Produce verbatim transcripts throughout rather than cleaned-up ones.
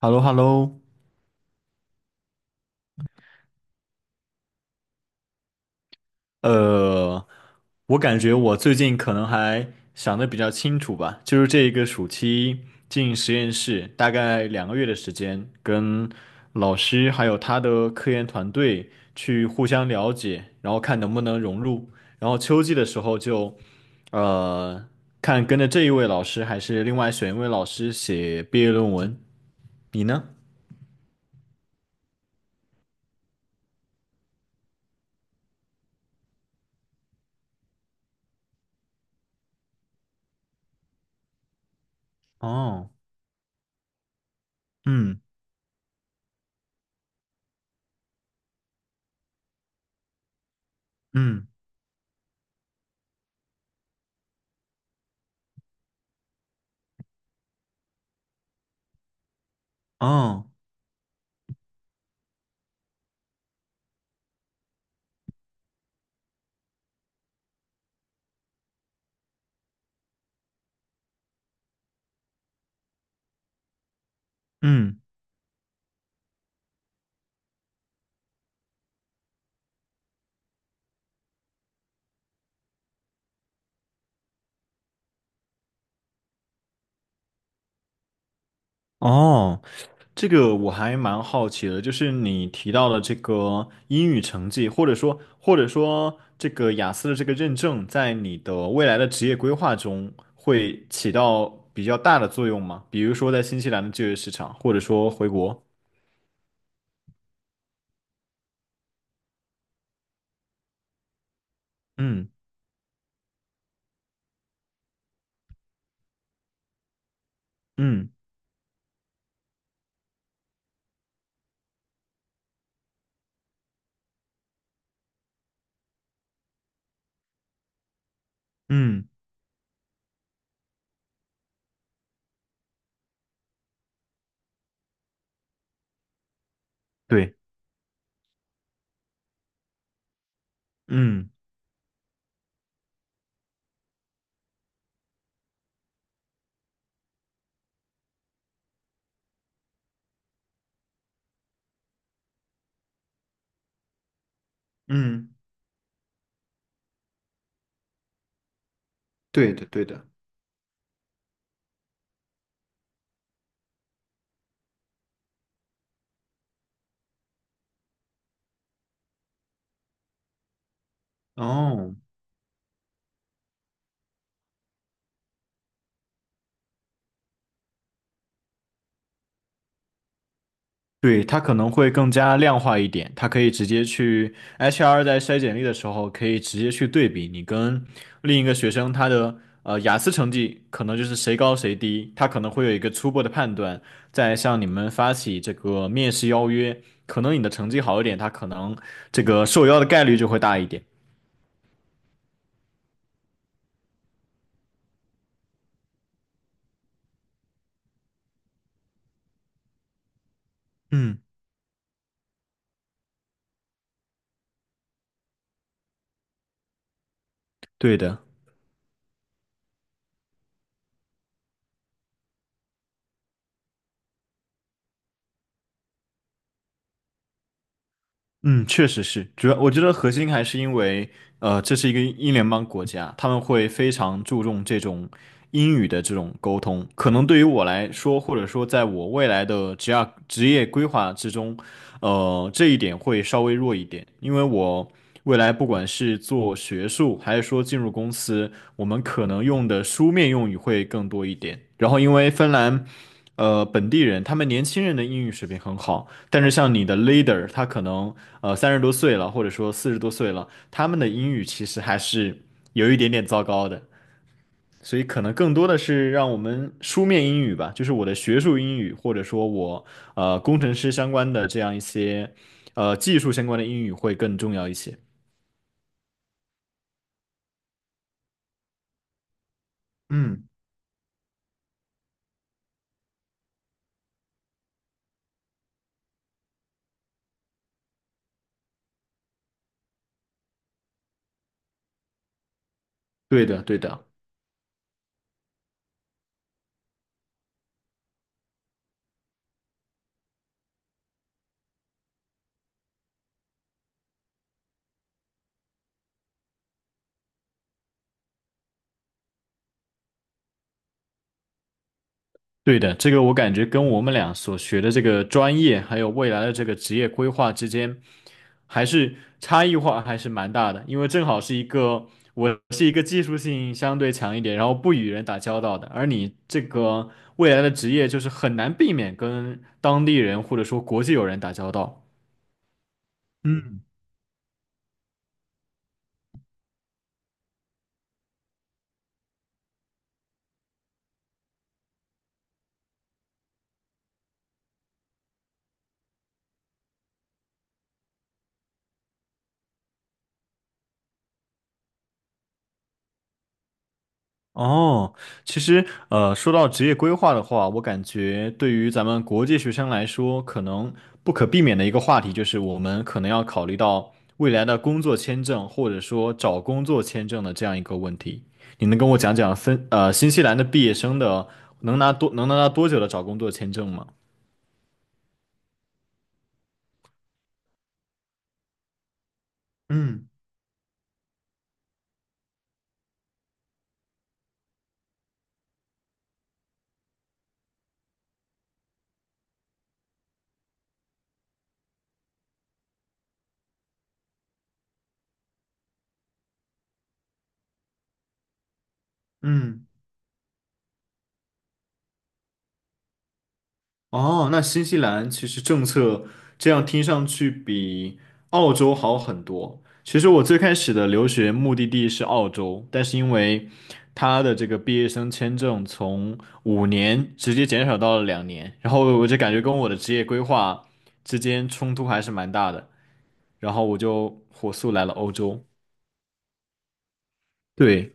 h e l l o h e l l o 呃，我感觉我最近可能还想的比较清楚吧，就是这一个暑期进实验室，大概两个月的时间，跟老师还有他的科研团队去互相了解，然后看能不能融入，然后秋季的时候就，呃，看跟着这一位老师还是另外选一位老师写毕业论文，你呢？哦。嗯嗯。哦。嗯。哦。这个我还蛮好奇的，就是你提到的这个英语成绩，或者说或者说这个雅思的这个认证，在你的未来的职业规划中会起到比较大的作用吗？比如说在新西兰的就业市场，或者说回国。嗯嗯嗯。对。嗯嗯。对的对的。哦。对，它可能会更加量化一点，它可以直接去 H R 在筛简历的时候，可以直接去对比你跟另一个学生他的呃雅思成绩，可能就是谁高谁低，他可能会有一个初步的判断。再向你们发起这个面试邀约，可能你的成绩好一点，他可能这个受邀的概率就会大一点。嗯，对的。嗯，确实是，主要我觉得核心还是因为，呃，这是一个英联邦国家，他们会非常注重这种英语的这种沟通。可能对于我来说，或者说在我未来的职业职业规划之中，呃，这一点会稍微弱一点，因为我未来不管是做学术，还是说进入公司，我们可能用的书面用语会更多一点。然后，因为芬兰，呃，本地人他们年轻人的英语水平很好。但是像你的 leader，他可能呃三十多岁了，或者说四十多岁了，他们的英语其实还是有一点点糟糕的，所以可能更多的是让我们书面英语吧，就是我的学术英语，或者说我呃工程师相关的这样一些呃技术相关的英语会更重要一些。嗯。对的，对的。对的，这个我感觉跟我们俩所学的这个专业，还有未来的这个职业规划之间，还是差异化还是蛮大的。因为正好是一个，我是一个技术性相对强一点，然后不与人打交道的，而你这个未来的职业就是很难避免跟当地人或者说国际友人打交道。嗯。哦，其实呃，说到职业规划的话，我感觉对于咱们国际学生来说，可能不可避免的一个话题就是，我们可能要考虑到未来的工作签证或者说找工作签证的这样一个问题。你能跟我讲讲分呃新西兰的毕业生的能拿多能拿到多久的找工作签证吗？嗯嗯。哦，那新西兰其实政策这样听上去比澳洲好很多。其实我最开始的留学目的地是澳洲，但是因为他的这个毕业生签证从五年直接减少到了两年，然后我就感觉跟我的职业规划之间冲突还是蛮大的，然后我就火速来了欧洲。对。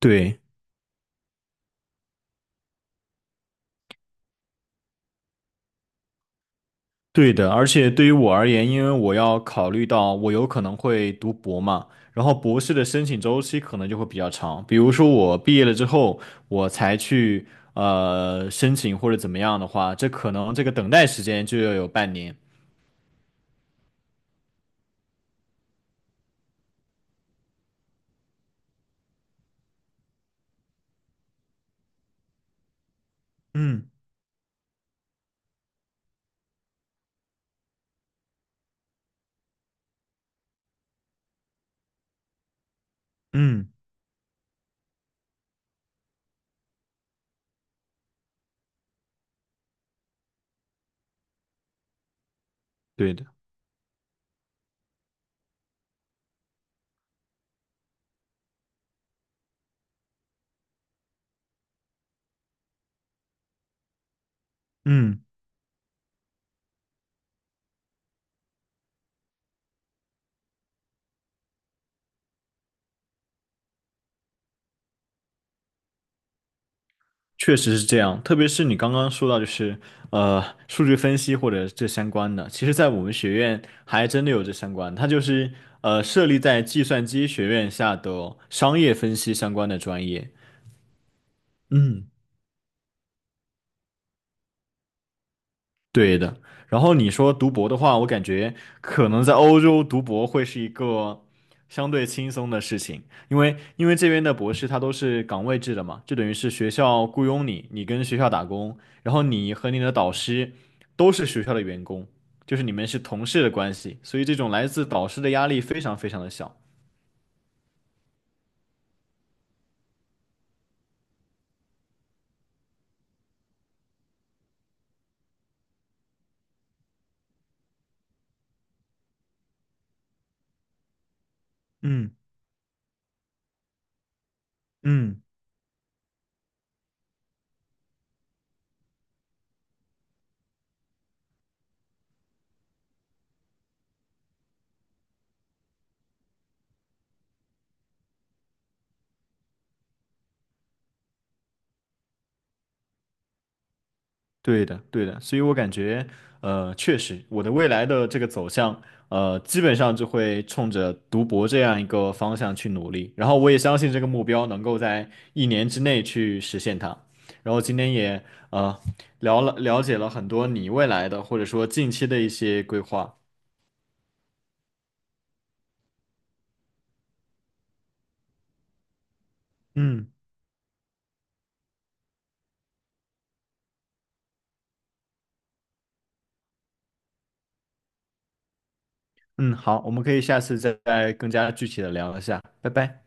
对。对的，而且对于我而言，因为我要考虑到我有可能会读博嘛，然后博士的申请周期可能就会比较长。比如说我毕业了之后，我才去呃申请或者怎么样的话，这可能这个等待时间就要有半年。嗯嗯，对的。嗯。确实是这样，特别是你刚刚说到，就是呃，数据分析或者这相关的，其实，在我们学院还真的有这相关，它就是呃，设立在计算机学院下的商业分析相关的专业。嗯，对的。然后你说读博的话，我感觉可能在欧洲读博会是一个相对轻松的事情，因为因为这边的博士他都是岗位制的嘛，就等于是学校雇佣你，你跟学校打工，然后你和你的导师都是学校的员工，就是你们是同事的关系，所以这种来自导师的压力非常非常的小。嗯嗯。对的，对的，所以我感觉，呃，确实，我的未来的这个走向，呃，基本上就会冲着读博这样一个方向去努力。然后我也相信这个目标能够在一年之内去实现它。然后今天也呃聊了了解了很多你未来的或者说近期的一些规划。嗯嗯，好，我们可以下次再再更加具体的聊一下，拜拜。